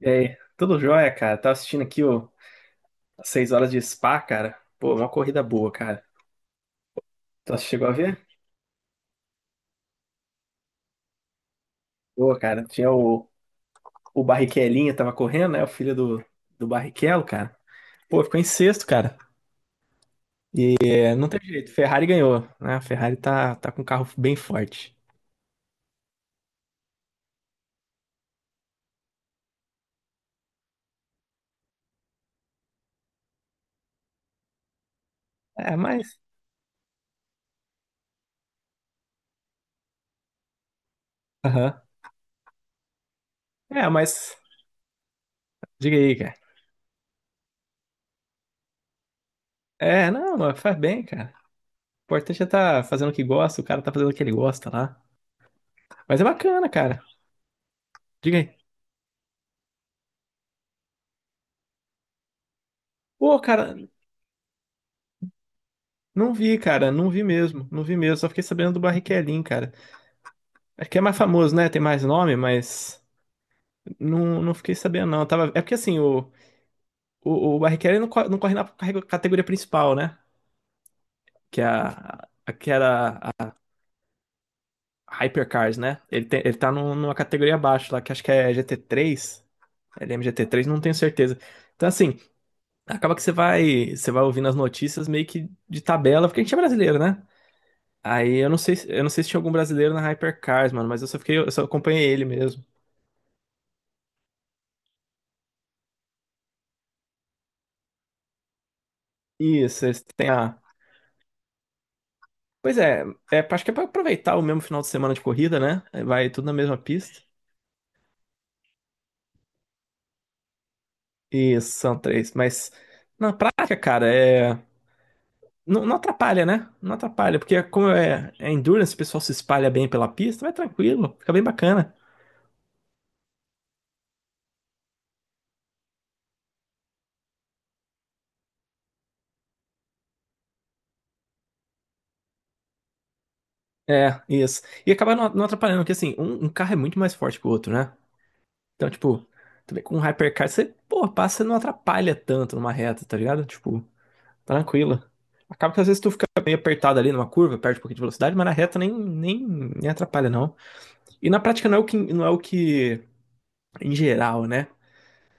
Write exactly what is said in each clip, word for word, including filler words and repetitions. E aí, tudo jóia, cara? Tava assistindo aqui, o as seis horas de Spa, cara. Pô, uma corrida boa, cara. Tu chegou a ver? Pô, cara, tinha o, o Barrichellinha, tava correndo, né? O filho do, do Barrichello, cara. Pô, ficou em sexto, cara. É, não teve jeito. Ferrari ganhou, né? A Ferrari tá, tá com um carro bem forte. É, mas. Aham. É, mas. Diga aí, cara. É, não, mas faz bem, cara. O importante é tá fazendo o que gosta, o cara tá fazendo o que ele gosta lá. Mas é bacana, cara. Diga aí. Pô, cara. Não vi, cara, não vi mesmo, não vi mesmo. Só fiquei sabendo do Barrichellinho, cara. Acho que é mais famoso, né? Tem mais nome, mas não, não fiquei sabendo, não. Tava. É porque assim, o, o, o Barrichello não, co- não corre na carrego- categoria principal, né? Que é a, a, que era a Hypercars, né? Ele, tem, ele tá num- numa categoria abaixo lá, que acho que é G T três, T três L M G T três, não tenho certeza. Então, assim, acaba que você vai, você vai ouvindo as notícias meio que de tabela, porque a gente é brasileiro, né? Aí eu não sei, se- eu não sei se tinha algum brasileiro na Hypercars, mano, mas eu só fiquei, eu só acompanhei ele mesmo. Isso, esse tem a. Pois é, é, acho que é pra aproveitar o mesmo final de semana de corrida, né? Vai tudo na mesma pista. Isso, são três. Mas na prática, cara, é. Não, não atrapalha, né? Não atrapalha, porque como é, é endurance, o pessoal se espalha bem pela pista, vai tranquilo, fica bem bacana. É, isso. E acaba não, não atrapalhando, porque assim, um, um carro é muito mais forte que o outro, né? Então, tipo, tu vê com um hypercar, você, pô, passa e não atrapalha tanto numa reta, tá ligado? Tipo, tranquila. Acaba que às vezes tu fica meio apertado ali numa curva, perde um pouquinho de velocidade, mas na reta nem, nem, nem atrapalha, não. E na prática não é o que, não é o que, em geral, né?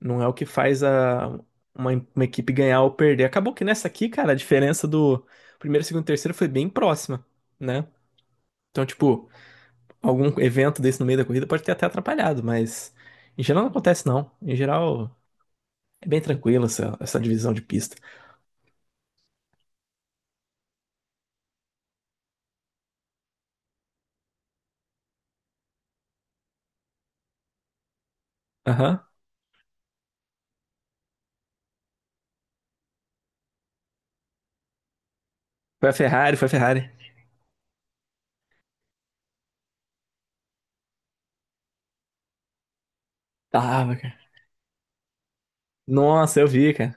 Não é o que faz a, uma, uma equipe ganhar ou perder. Acabou que nessa aqui, cara, a diferença do primeiro, segundo e terceiro foi bem próxima, né? Então, tipo, algum evento desse no meio da corrida pode ter até atrapalhado, mas em geral não acontece, não. Em geral. É bem tranquilo essa, essa divisão de pista. Aham. Foi a Ferrari, foi a Ferrari. Tava, cara. Nossa, eu vi, cara.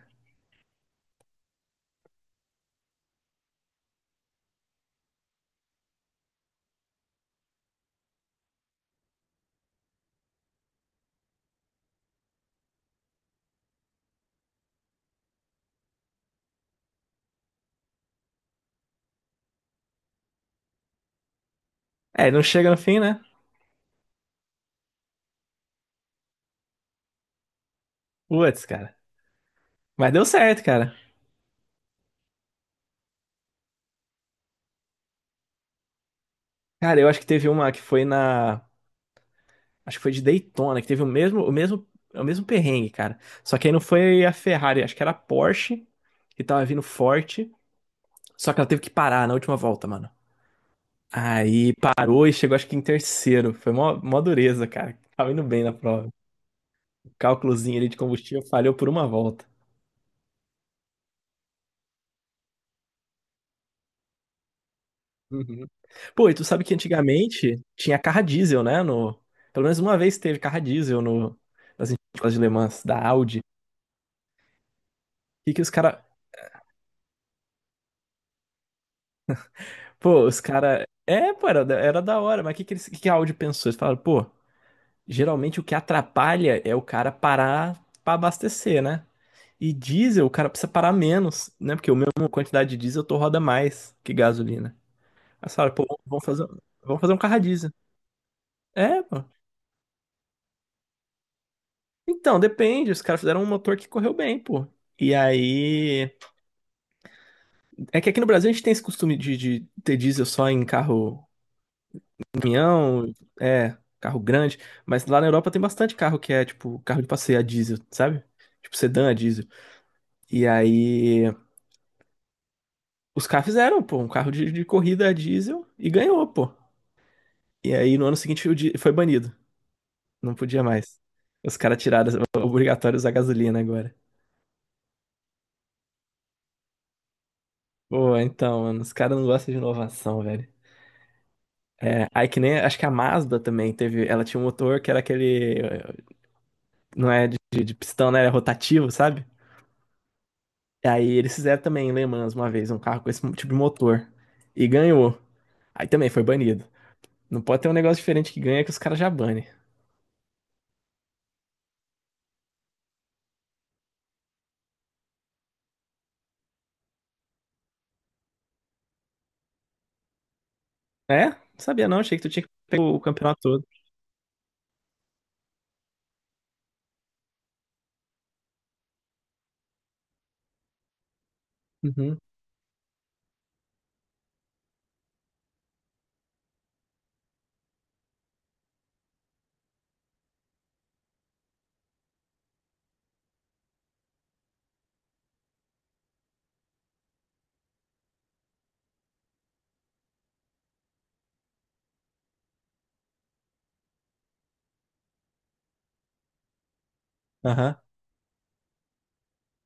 É, não chega no fim, né? Putz, cara. Mas deu certo, cara. Cara, eu acho que teve uma que foi na. Acho que foi de Daytona, que teve o mesmo, o mesmo, o mesmo perrengue, cara. Só que aí não foi a Ferrari, acho que era a Porsche, que tava vindo forte. Só que ela teve que parar na última volta, mano. Aí parou e chegou, acho que em terceiro. Foi mó, mó dureza, cara. Tava indo bem na prova. O cálculozinho ali de combustível falhou por uma volta. Uhum. Pô, e tu sabe que antigamente tinha carro a diesel, né? No. Pelo menos uma vez teve carro a diesel no... nas escolas de Le Mans, da Audi. E que os cara. Pô, os cara. É, pô, era, da- era da hora, mas o que, que, eles... que que a Audi pensou? Eles falaram, pô, geralmente o que atrapalha é o cara parar pra abastecer, né? E diesel, o cara precisa parar menos, né? Porque a mesma quantidade de diesel tu roda mais que gasolina. Aí eles falaram, pô, vamos fazer, vamos fazer um carro a diesel. É, pô. Então, depende. Os caras fizeram um motor que correu bem, pô. E aí. É que aqui no Brasil a gente tem esse costume de, de, ter diesel só em carro caminhão, é, carro grande. Mas lá na Europa tem bastante carro que é, tipo, carro de passeio a diesel, sabe? Tipo, sedã a diesel. E aí. Os caras fizeram, pô, um carro de, de corrida a diesel e ganhou, pô. E aí no ano seguinte o di- foi banido. Não podia mais. Os caras tiraram, obrigatório usar gasolina agora. Pô, então, mano, os caras não gostam de inovação, velho. É, aí que nem, acho que a Mazda também teve, ela tinha um motor que era aquele, não é de, de de pistão, né, era rotativo, sabe? E aí eles fizeram também em Le Mans uma vez, um carro com esse tipo de motor, e ganhou. Aí também foi banido. Não pode ter um negócio diferente que ganha que os caras já banem. É? Não sabia não, achei que tu tinha que pegar o campeonato todo. Uhum, aham,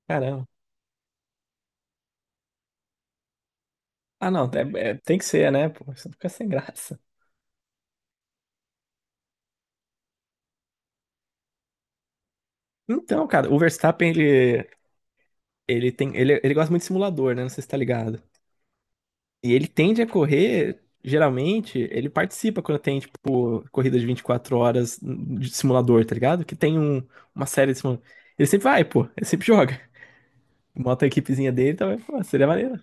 caramba. Ah não, é- é- tem que ser, né, pô, isso fica sem graça. Então, cara, o Verstappen, ele, ele tem, ele, ele gosta muito de simulador, né, não sei se tá ligado. E ele tende a correr, geralmente, ele participa quando tem, tipo, corrida de vinte e quatro horas de simulador, tá ligado? Que tem um- uma série de simulador. Ele sempre vai, pô, ele sempre joga. Bota a equipezinha dele, também, pô, seria maneiro.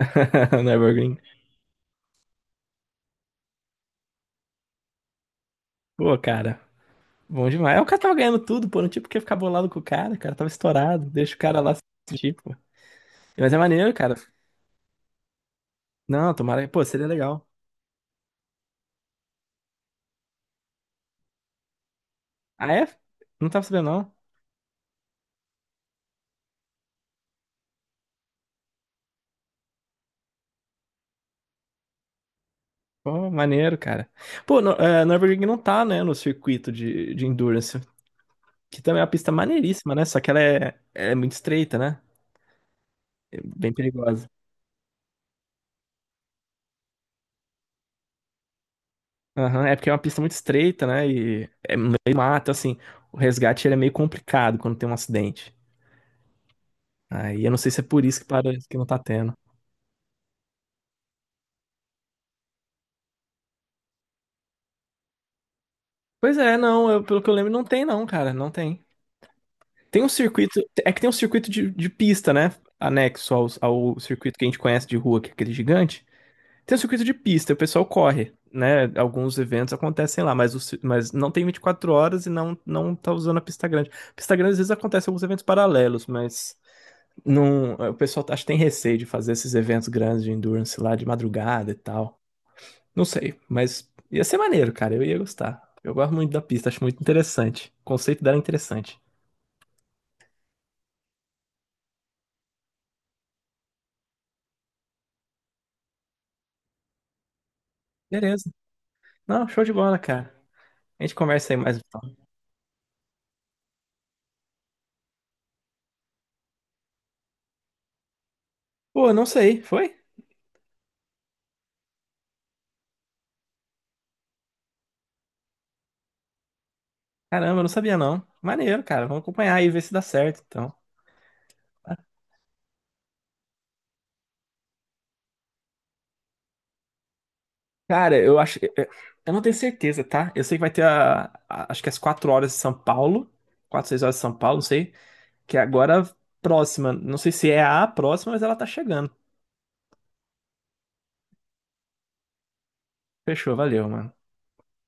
No Evergreen. Pô, cara, bom demais. É, o cara tava ganhando tudo, pô, não tinha porque ficar bolado com o cara, o cara tava estourado, deixa o cara lá se sentir, pô. Mas é maneiro, cara. Não, tomara, pô, seria legal. Ah, é? Não tava sabendo, não. Pô, maneiro, cara. Pô, no, é, no Evergreen não tá, né, no circuito de, de endurance. Que também é uma pista maneiríssima, né? Só que ela é, é muito estreita, né? É bem perigosa. Aham, é porque é uma pista muito estreita, né? E no meio mata, assim. O resgate ele é meio complicado quando tem um acidente. Aí eu não sei se é por isso que parece que não tá tendo. Pois é, não, eu- pelo que eu lembro, não tem, não, cara, não tem. Tem um circuito, é que tem um circuito de, de pista, né? Anexo ao, ao circuito que a gente conhece de rua, que é aquele gigante. Tem o circuito de pista, o pessoal corre, né? Alguns eventos acontecem lá, mas, o ci- mas não tem vinte e quatro horas e não, não tá usando a pista grande. Pista grande às vezes acontece alguns eventos paralelos, mas não, eh, o pessoal acho que tem receio de fazer esses eventos grandes de endurance lá de madrugada e tal. Não sei, mas ia ser maneiro, cara. Eu ia gostar. Eu gosto muito da pista, acho muito interessante. O conceito dela é interessante. Beleza. Não, show de bola, cara. A gente conversa aí mais, então. Pô, não sei, foi? Caramba, eu não sabia, não. Maneiro, cara. Vamos acompanhar aí e ver se dá certo, então. Cara, eu acho. Eu eu não tenho certeza, tá? Eu sei que vai ter a, a- acho que as quatro horas de São Paulo. Quatro seis horas de São Paulo, não sei. Que é agora próxima. Não sei se é a próxima, mas ela tá chegando. Fechou, valeu, mano.